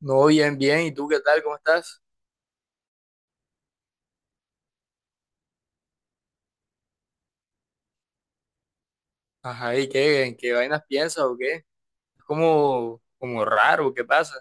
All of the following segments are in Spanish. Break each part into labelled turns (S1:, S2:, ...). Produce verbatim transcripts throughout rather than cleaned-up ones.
S1: No, bien, bien. ¿Y tú qué tal? ¿Cómo estás? Ajá, ¿y qué? ¿En qué vainas piensas o qué? Es como, como raro, ¿qué pasa?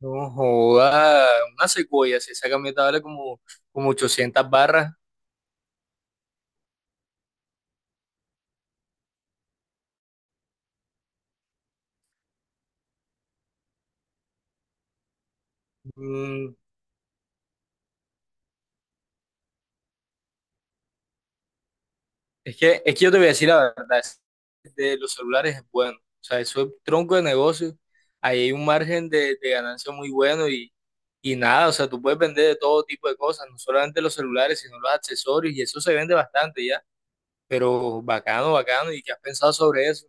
S1: No joda, una secuoya, si esa camioneta vale como, como ochocientas barras. Mm, es que, es que yo te voy a decir la verdad, es- de los celulares es bueno. O sea, eso es tronco de negocio. Ahí hay un margen de, de ganancia muy bueno y, y nada, o sea, tú puedes vender de todo tipo de cosas, no solamente los celulares, sino los accesorios, y eso se vende bastante, ¿ya? Pero bacano, bacano. ¿Y qué has pensado sobre eso?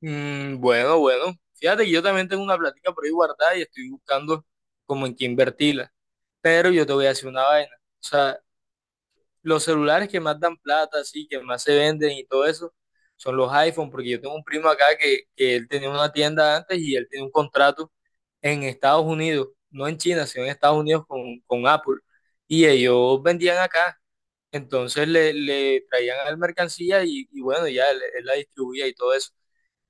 S1: Mm, bueno, bueno. Fíjate que yo también tengo una plática por ahí guardada y estoy buscando como en qué invertirla. Pero yo te voy a decir una vaina. O sea, los celulares que más dan plata, así, que más se venden y todo eso, son los iPhone, porque yo tengo un primo acá que, que él tenía una tienda antes y él tenía un contrato en Estados Unidos, no en China, sino en Estados Unidos con, con Apple. Y ellos vendían acá. Entonces le, le traían al mercancía y, y bueno, ya él, él la distribuía y todo eso.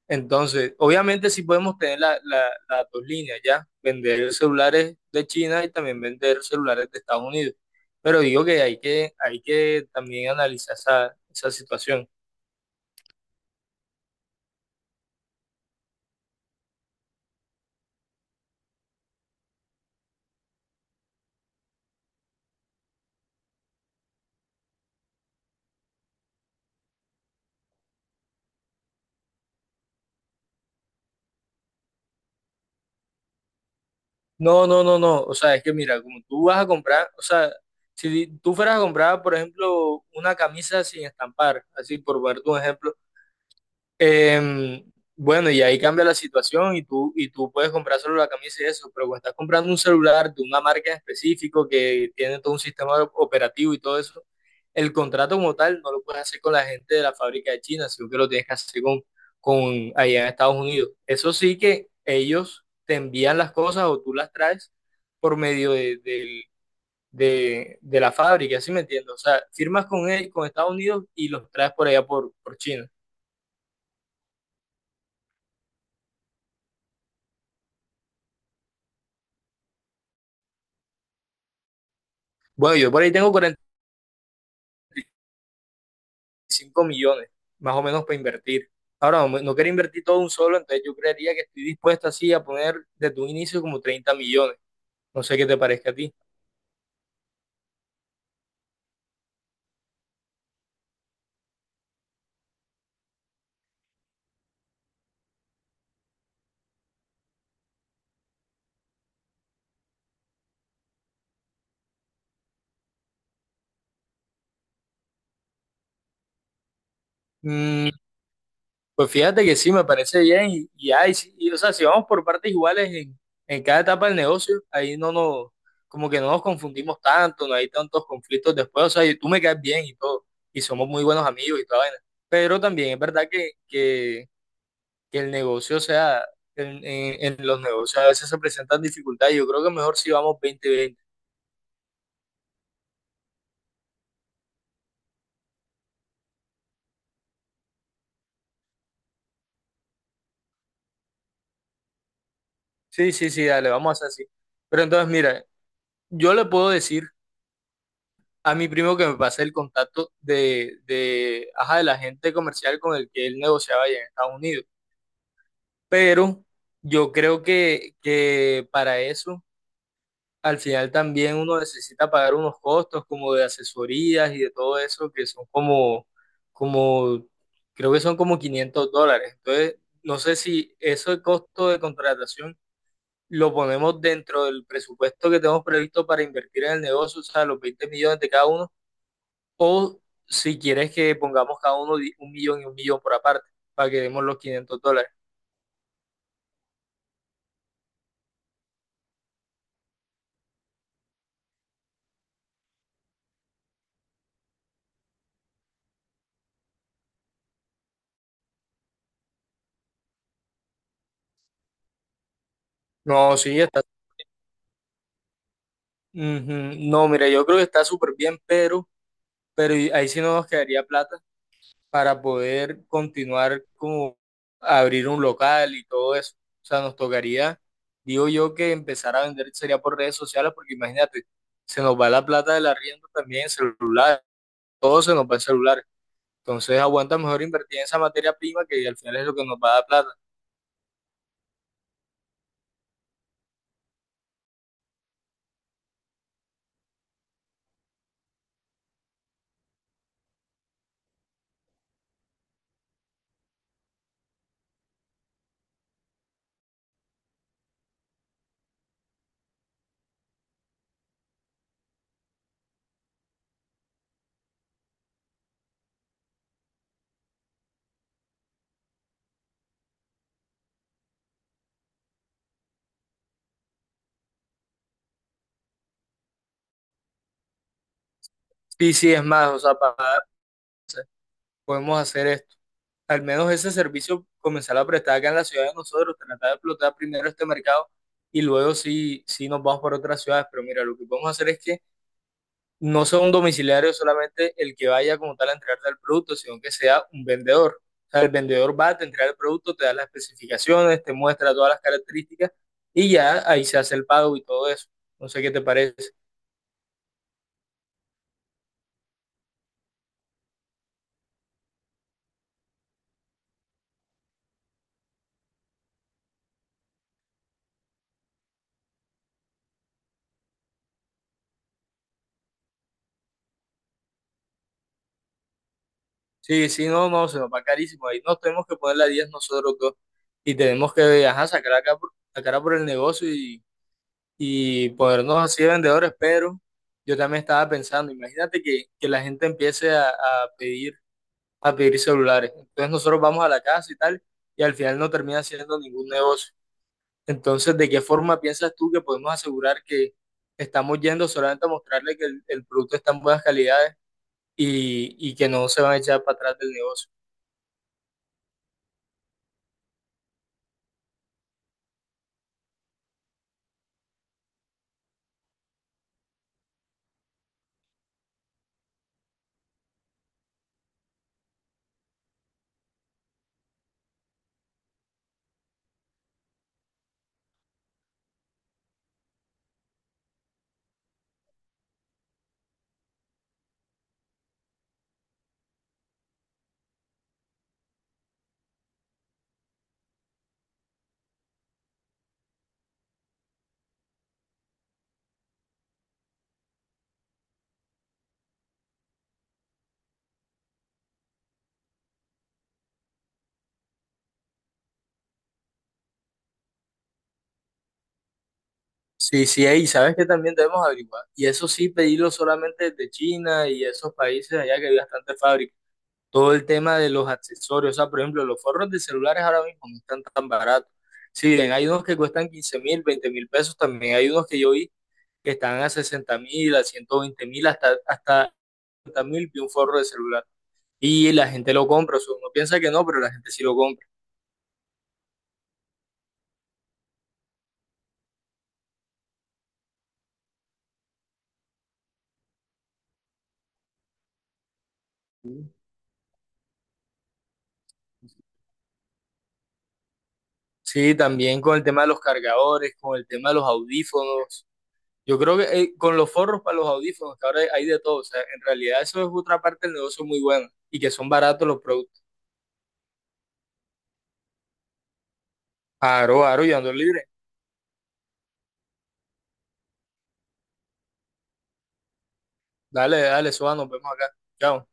S1: Entonces, obviamente sí podemos tener la, la- las dos líneas, ¿ya? Vender celulares de China y también vender celulares de Estados Unidos. Pero digo que hay que, hay que también analizar esa, esa situación. No, no, no, no. O sea, es que mira, como tú vas a comprar, o sea, si tú fueras a comprar, por ejemplo, una camisa sin estampar, así por ponerte un ejemplo, Em, bueno, y ahí cambia la situación y tú, y tú puedes comprar solo la camisa y eso, pero cuando estás comprando un celular de una marca en específico que tiene todo un sistema o- operativo y todo eso, el contrato como tal no lo puedes hacer con la gente de la fábrica de China, sino que lo tienes que hacer con, con allá en Estados Unidos. Eso sí que ellos te envían las cosas o tú las traes por medio de, del- de- de la fábrica, ¿sí me entiendes? O sea, firmas con él, con Estados Unidos y los traes por allá por, por China. Bueno, yo por ahí tengo cinco millones, más o menos para invertir. Ahora, no, no quiero invertir todo un solo, entonces yo creería que estoy dispuesto así a poner desde un inicio como treinta millones. No sé qué te parezca a ti. Mm, pues fíjate que sí, me parece bien. Y, y, ay, sí, y, o sea, si vamos por partes iguales en, en cada etapa del negocio, ahí no nos, como que no nos confundimos tanto, no hay tantos conflictos después. O sea, y tú me caes bien y todo, y somos muy buenos amigos y toda vaina. Pero también es verdad que, que que el negocio, o sea, en, en- en los negocios a veces se presentan dificultades. Yo creo que mejor si vamos veinte veinte. Sí, sí, sí, dale, vamos a hacer así. Pero entonces, mira, yo le puedo decir a mi primo que me pase el contacto de, de, ajá, del agente comercial con el que él negociaba allá en Estados Unidos. Pero yo creo que, que para eso. Al final también uno necesita pagar unos costos como de asesorías y de todo eso que son como, como, creo que son como quinientos dólares. Entonces, no sé si ese costo de contratación lo ponemos dentro del presupuesto que tenemos previsto para invertir en el negocio, o sea, los veinte millones de cada uno, o si quieres que pongamos cada uno di- un millón y un millón por aparte, para que demos los quinientos dólares. No, sí, está. Ujú. No, mira, yo creo que está súper bien, pero, pero y- ahí sí no nos quedaría plata para poder continuar como abrir un local y todo eso. O sea, nos tocaría, digo yo, que empezar a vender sería por redes sociales, porque imagínate, se nos va la plata del arriendo también en celular, todo se nos va en celular. Entonces aguanta mejor invertir en esa materia prima que al final es lo que nos va a dar plata. Y si es más, o sea, para, podemos hacer esto. Al menos ese servicio comenzar a prestar acá en la ciudad de nosotros, tratar de explotar primero este mercado y luego sí, sí nos vamos por otras ciudades. Pero mira, lo que podemos hacer es que no sea un domiciliario solamente el que vaya como tal a entregarte el producto, sino que sea un vendedor. O sea, el vendedor va, te entrega el producto, te da las especificaciones, te muestra todas las características y ya ahí se hace el pago y todo eso. No sé qué te parece. Sí, sí, no, no, se nos va carísimo. Ahí nos tenemos que poner la diez nosotros dos y tenemos que ajá, sacar la cara, por, la cara por el negocio y, y ponernos así de vendedores, pero yo también estaba pensando, imagínate que, que la gente empiece a, a pedir a pedir celulares. Entonces nosotros vamos a la casa y tal, y al final no termina haciendo ningún negocio. Entonces, ¿de qué forma piensas tú que podemos asegurar que estamos yendo solamente a mostrarle que el, el producto está en buenas calidades y, y que no se van a echar para atrás del negocio? Sí, sí, y sabes que también debemos averiguar. Y eso sí, pedirlo solamente desde China y esos países allá que hay bastante fábricas todo el tema de los accesorios. O sea, por ejemplo, los forros de celulares ahora mismo no están tan baratos. Si bien hay unos que cuestan quince mil, veinte mil pesos, también hay unos que yo vi que están a sesenta mil, a ciento veinte mil, hasta, hasta cincuenta mil vi un forro de celular. Y la gente lo compra, o sea, uno piensa que no, pero la gente sí lo compra. Sí, también con el tema de los cargadores, con el tema de los audífonos. Yo creo que eh, con los forros para los audífonos, que ahora hay de todo, o sea, en realidad eso es otra parte del negocio muy buena y que son baratos los productos. Aro, aro, y ando libre. Dale, dale, Suba, nos vemos acá. Chao.